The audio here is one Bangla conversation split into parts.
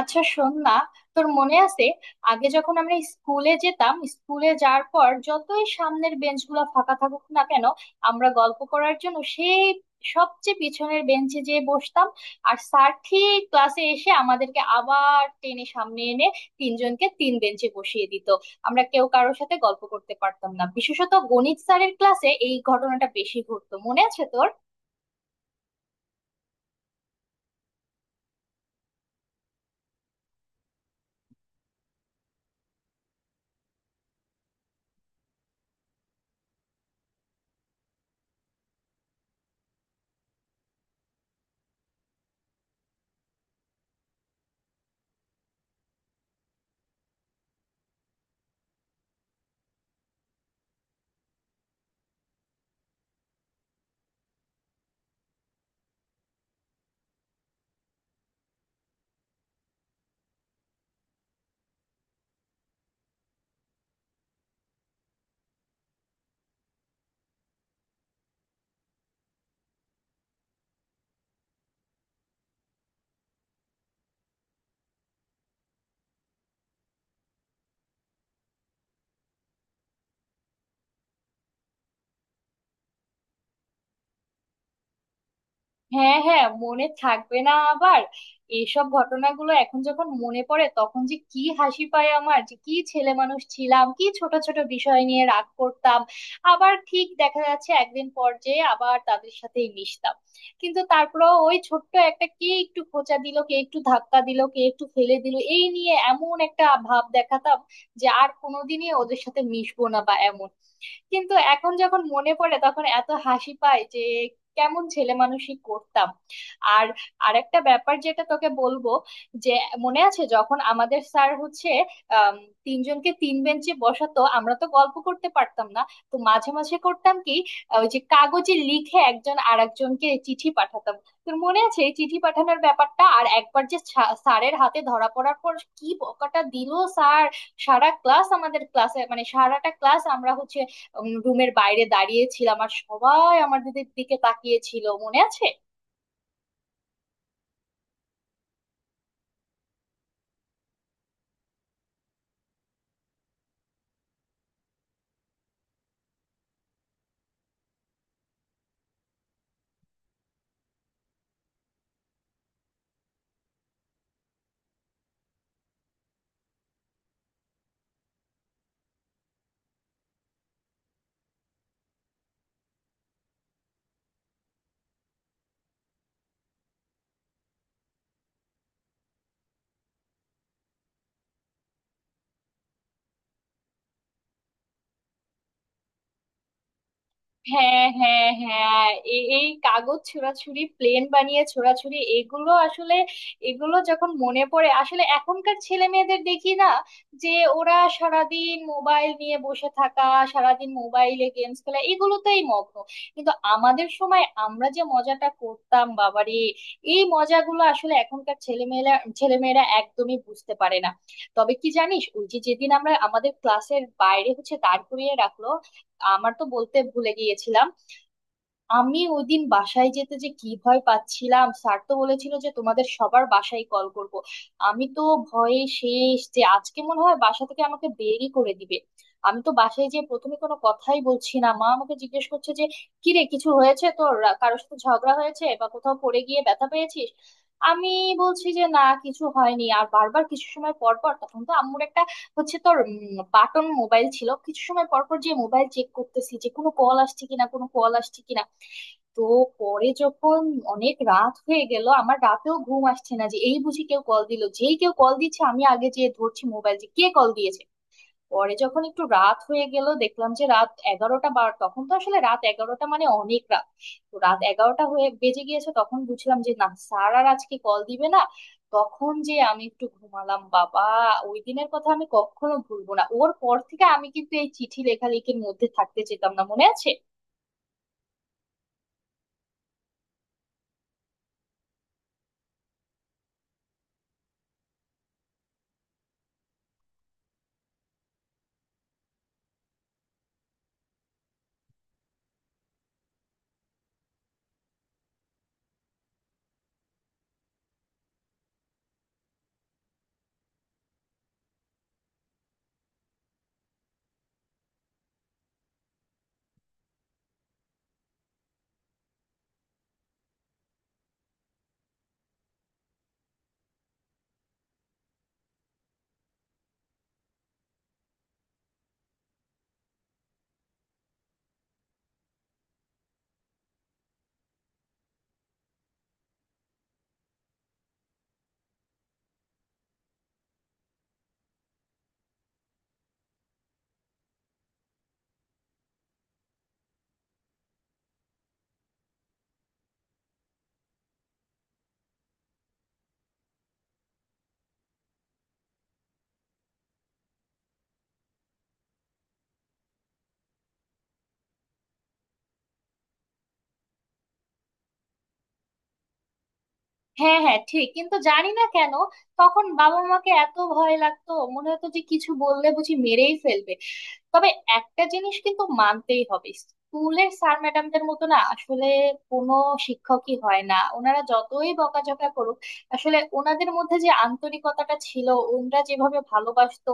আচ্ছা, শোন না, তোর মনে আছে আগে যখন আমরা স্কুলে যেতাম, স্কুলে যাওয়ার পর যতই সামনের বেঞ্চগুলো ফাঁকা থাকুক না কেন, আমরা গল্প করার জন্য সেই সবচেয়ে পিছনের বেঞ্চে যেয়ে বসতাম। আর স্যার ঠিক ক্লাসে এসে আমাদেরকে আবার টেনে সামনে এনে তিনজনকে তিন বেঞ্চে বসিয়ে দিত, আমরা কেউ কারোর সাথে গল্প করতে পারতাম না। বিশেষত গণিত স্যারের ক্লাসে এই ঘটনাটা বেশি ঘটতো, মনে আছে তোর? হ্যাঁ হ্যাঁ, মনে থাকবে না আবার! এইসব ঘটনাগুলো এখন যখন মনে পড়ে তখন যে কি হাসি পায় আমার, যে কি ছেলে মানুষ ছিলাম, কি ছোট ছোট বিষয় নিয়ে রাগ করতাম। আবার ঠিক দেখা যাচ্ছে একদিন পর যে আবার তাদের সাথেই মিশতাম। কিন্তু তারপরেও ওই ছোট্ট একটা, কে একটু খোঁচা দিল, কে একটু ধাক্কা দিল, কে একটু ফেলে দিল, এই নিয়ে এমন একটা ভাব দেখাতাম যে আর কোনোদিনই ওদের সাথে মিশবো না বা এমন। কিন্তু এখন যখন মনে পড়ে তখন এত হাসি পায় যে কেমন ছেলে মানুষই করতাম। আর আরেকটা ব্যাপার যেটা তোকে বলবো, যে মনে আছে যখন আমাদের স্যার হচ্ছে আম, তিনজনকে তিন বেঞ্চে বসাতো, আমরা তো গল্প করতে পারতাম না। তো মাঝে মাঝে করতাম কি, ওই যে কাগজে লিখে একজন আরেকজনকে চিঠি পাঠাতাম। তোর মনে আছে এই চিঠি পাঠানোর ব্যাপারটা? আর একবার যে স্যারের হাতে ধরা পড়ার পর কি বকাটা দিল স্যার! সারা ক্লাস, আমাদের ক্লাসে মানে সারাটা ক্লাস আমরা হচ্ছে রুমের বাইরে দাঁড়িয়ে ছিলাম, আর সবাই আমার দিকে দিকে তাকিয়ে ছিল, মনে আছে? হ্যাঁ হ্যাঁ হ্যাঁ, এই কাগজ ছোঁড়াছুড়ি, প্লেন বানিয়ে ছোঁড়াছুড়ি, এগুলো আসলে, এগুলো যখন মনে পড়ে আসলে এখনকার ছেলে মেয়েদের দেখি না, যে ওরা সারাদিন মোবাইল নিয়ে বসে থাকা, সারাদিন মোবাইলে গেমস খেলা, এগুলোতেই মগ্ন। কিন্তু আমাদের সময় আমরা যে মজাটা করতাম বাবারে! এই মজাগুলো আসলে এখনকার ছেলেমেয়েরা, ছেলেমেয়েরা একদমই বুঝতে পারে না। তবে কি জানিস, ওই যে যেদিন আমরা আমাদের ক্লাসের বাইরে হচ্ছে দাঁড় করিয়ে রাখলো, আমার তো বলতে ভুলে গিয়েছিলাম, আমি ওইদিন বাসায় যেতে যে কি ভয় পাচ্ছিলাম! স্যার তো বলেছিল যে তোমাদের সবার বাসায় কল করব। আমি তো ভয়ে শেষ যে আজকে মনে হয় বাসা থেকে আমাকে বেরই করে দিবে। আমি তো বাসায় যেয়ে প্রথমে কোনো কথাই বলছি না, মা আমাকে জিজ্ঞেস করছে যে কি রে, কিছু হয়েছে তোর? কারোর সাথে ঝগড়া হয়েছে, বা কোথাও পড়ে গিয়ে ব্যথা পেয়েছিস? আমি বলছি যে না, কিছু হয়নি। আর বারবার কিছু সময় পর পর, তখন তো আম্মুর একটা হচ্ছে তোর বাটন মোবাইল ছিল, কিছু সময় পর পর যে মোবাইল চেক করতেছি যে কোনো কল আসছে কিনা, কোনো কল আসছে কিনা। তো পরে যখন অনেক রাত হয়ে গেল, আমার রাতেও ঘুম আসছে না, যে এই বুঝি কেউ কল দিল, যেই কেউ কল দিচ্ছে আমি আগে যে ধরছি মোবাইল, যে কে কল দিয়েছে। পরে যখন একটু রাত হয়ে গেল, দেখলাম যে রাত 11টা বার, তখন তো আসলে রাত 11টা মানে অনেক রাত। তো রাত 11টা হয়ে বেজে গিয়েছে, তখন বুঝলাম যে না, স্যার আর আজকে কল দিবে না। তখন যে আমি একটু ঘুমালাম বাবা! ওই দিনের কথা আমি কখনো ভুলবো না, ওর পর থেকে আমি কিন্তু এই চিঠি লেখালেখির মধ্যে থাকতে যেতাম না, মনে আছে? হ্যাঁ হ্যাঁ ঠিক। কিন্তু জানি না কেন তখন বাবা মাকে এত ভয় লাগতো, মনে হতো যে কিছু বললে বুঝি মেরেই ফেলবে। তবে একটা জিনিস কিন্তু মানতেই হবে, স্কুলের স্যার ম্যাডামদের মতো না আসলে কোনো শিক্ষকই হয় না। ওনারা যতই বকাঝকা করুক, আসলে ওনাদের মধ্যে যে আন্তরিকতাটা ছিল, ওনারা যেভাবে ভালোবাসতো,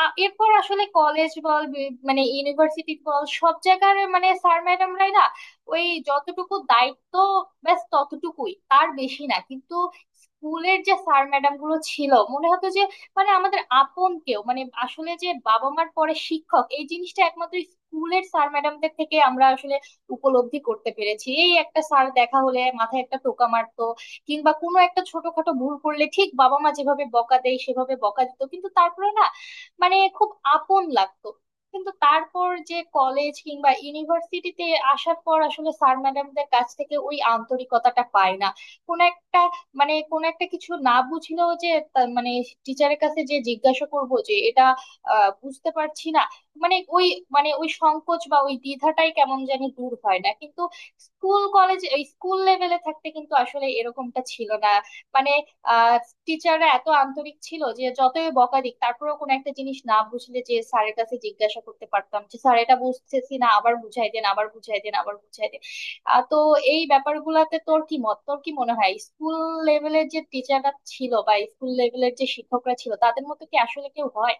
এরপর আসলে কলেজ বল, মানে ইউনিভার্সিটি বল, সব জায়গার মানে স্যার ম্যাডামরাই না, ওই যতটুকু দায়িত্ব ব্যাস ততটুকুই, তার বেশি না। কিন্তু স্কুলের যে স্যার ম্যাডাম গুলো ছিল মনে হতো যে মানে আমাদের আপন কেউ। মানে আসলে যে বাবা মার পরে শিক্ষক, এই জিনিসটা একমাত্র স্কুলের স্যার ম্যাডামদের থেকে আমরা আসলে উপলব্ধি করতে পেরেছি। এই একটা স্যার দেখা হলে মাথায় একটা টোকা মারতো, কিংবা কোনো একটা ছোটখাটো ভুল করলে ঠিক বাবা মা যেভাবে বকা দেয় সেভাবে বকা দিত, কিন্তু তারপরে না মানে খুব আপন লাগতো। কিন্তু তারপর যে কলেজ কিংবা ইউনিভার্সিটিতে আসার পর আসলে স্যার ম্যাডামদের কাছ থেকে ওই আন্তরিকতাটা পায় না। কোন একটা, মানে কোন একটা কিছু না বুঝলেও যে মানে টিচারের কাছে যে জিজ্ঞাসা করবো যে এটা বুঝতে পারছি না, মানে ওই, মানে ওই সংকোচ বা ওই দ্বিধাটাই কেমন জানি দূর হয় না। কিন্তু স্কুল কলেজ, এই স্কুল লেভেলে থাকতে কিন্তু আসলে এরকমটা ছিল না। মানে আহ টিচাররা এত আন্তরিক ছিল যে যতই বকা দিক তারপরেও কোনো একটা জিনিস না বুঝলে যে স্যারের কাছে জিজ্ঞাসা করতে পারতাম যে স্যার এটা বুঝতেছি না, আবার বুঝাই দেন, আবার বুঝাই দেন, আবার বুঝাই দেন। তো এই ব্যাপারগুলাতে তোর কি মত? তোর কি মনে হয় স্কুল লেভেলের যে টিচাররা ছিল বা স্কুল লেভেলের যে শিক্ষকরা ছিল, তাদের মতো কি আসলে কেউ হয়?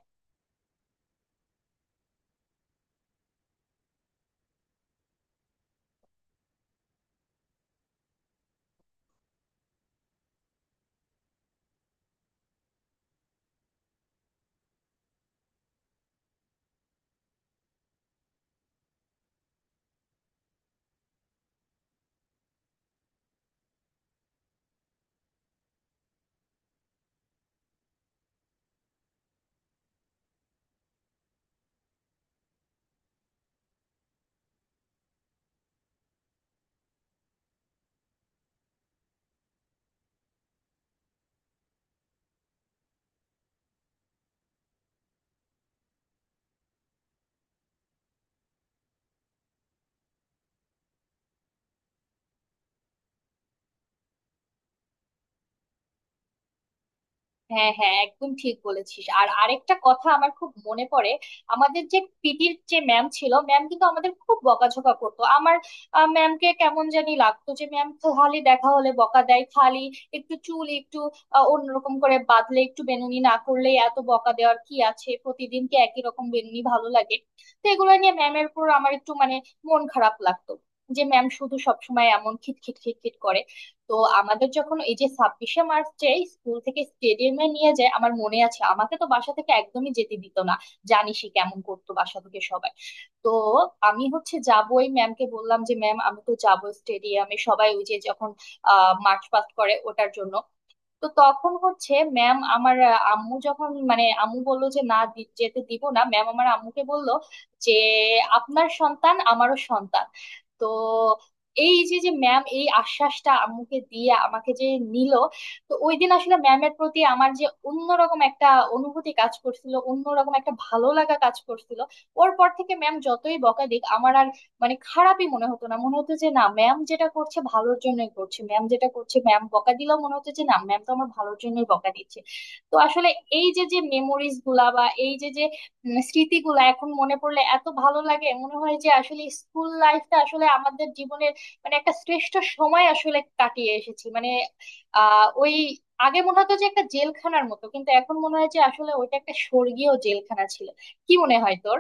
হ্যাঁ হ্যাঁ, একদম ঠিক বলেছিস। আর আরেকটা কথা আমার খুব মনে পড়ে, আমাদের যে পিটির যে ম্যাম ছিল, ম্যাম কিন্তু আমাদের খুব বকাঝকা করতো। আমার ম্যামকে কেমন জানি লাগতো, যে ম্যাম খালি দেখা হলে বকা দেয়, খালি একটু চুল একটু অন্যরকম করে বাঁধলে, একটু বেনুনি না করলে, এত বকা দেওয়ার কি আছে? প্রতিদিন কি একই রকম বেনুনি ভালো লাগে? তো এগুলো নিয়ে ম্যামের উপর আমার একটু মানে মন খারাপ লাগতো, যে ম্যাম শুধু সবসময় এমন খিটখিট খিটখিট করে। তো আমাদের যখন এই যে 26শে মার্চে স্কুল থেকে স্টেডিয়ামে নিয়ে যায়, আমার মনে আছে আমাকে তো বাসা থেকে একদমই যেতে দিত না। জানিসই কেমন করতো বাসা থেকে সবাই। তো আমি হচ্ছে যাবো, ওই ম্যামকে বললাম যে ম্যাম আমি তো যাবো স্টেডিয়ামে, সবাই ওই যে যখন মার্চ পাস্ট করে ওটার জন্য। তো তখন হচ্ছে ম্যাম আমার আম্মু যখন, মানে আম্মু বললো যে না, যেতে দিব না, ম্যাম আমার আম্মুকে বললো যে আপনার সন্তান আমারও সন্তান। তো এই যে যে ম্যাম এই আশ্বাসটা আম্মুকে দিয়ে আমাকে যে নিল, তো ওই দিন আসলে ম্যামের প্রতি আমার যে অন্যরকম একটা অনুভূতি কাজ করছিল, অন্যরকম একটা ভালো লাগা কাজ করছিল। ওর পর থেকে ম্যাম যতই বকা দিক আমার আর মানে খারাপই মনে হতো না, মনে হতো যে না ম্যাম যেটা করছে ভালোর জন্যই করছে, ম্যাম যেটা করছে ম্যাম বকা দিলেও মনে হতো যে না ম্যাম তো আমার ভালোর জন্যই বকা দিচ্ছে। তো আসলে এই যে যে মেমোরিজ গুলা, বা এই যে যে স্মৃতিগুলা এখন মনে পড়লে এত ভালো লাগে, মনে হয় যে আসলে স্কুল লাইফটা আসলে আমাদের জীবনের মানে একটা শ্রেষ্ঠ সময় আসলে কাটিয়ে এসেছি। মানে ওই আগে মনে হতো যে একটা জেলখানার মতো, কিন্তু এখন মনে হয় যে আসলে ওইটা একটা স্বর্গীয় জেলখানা ছিল। কি মনে হয় তোর?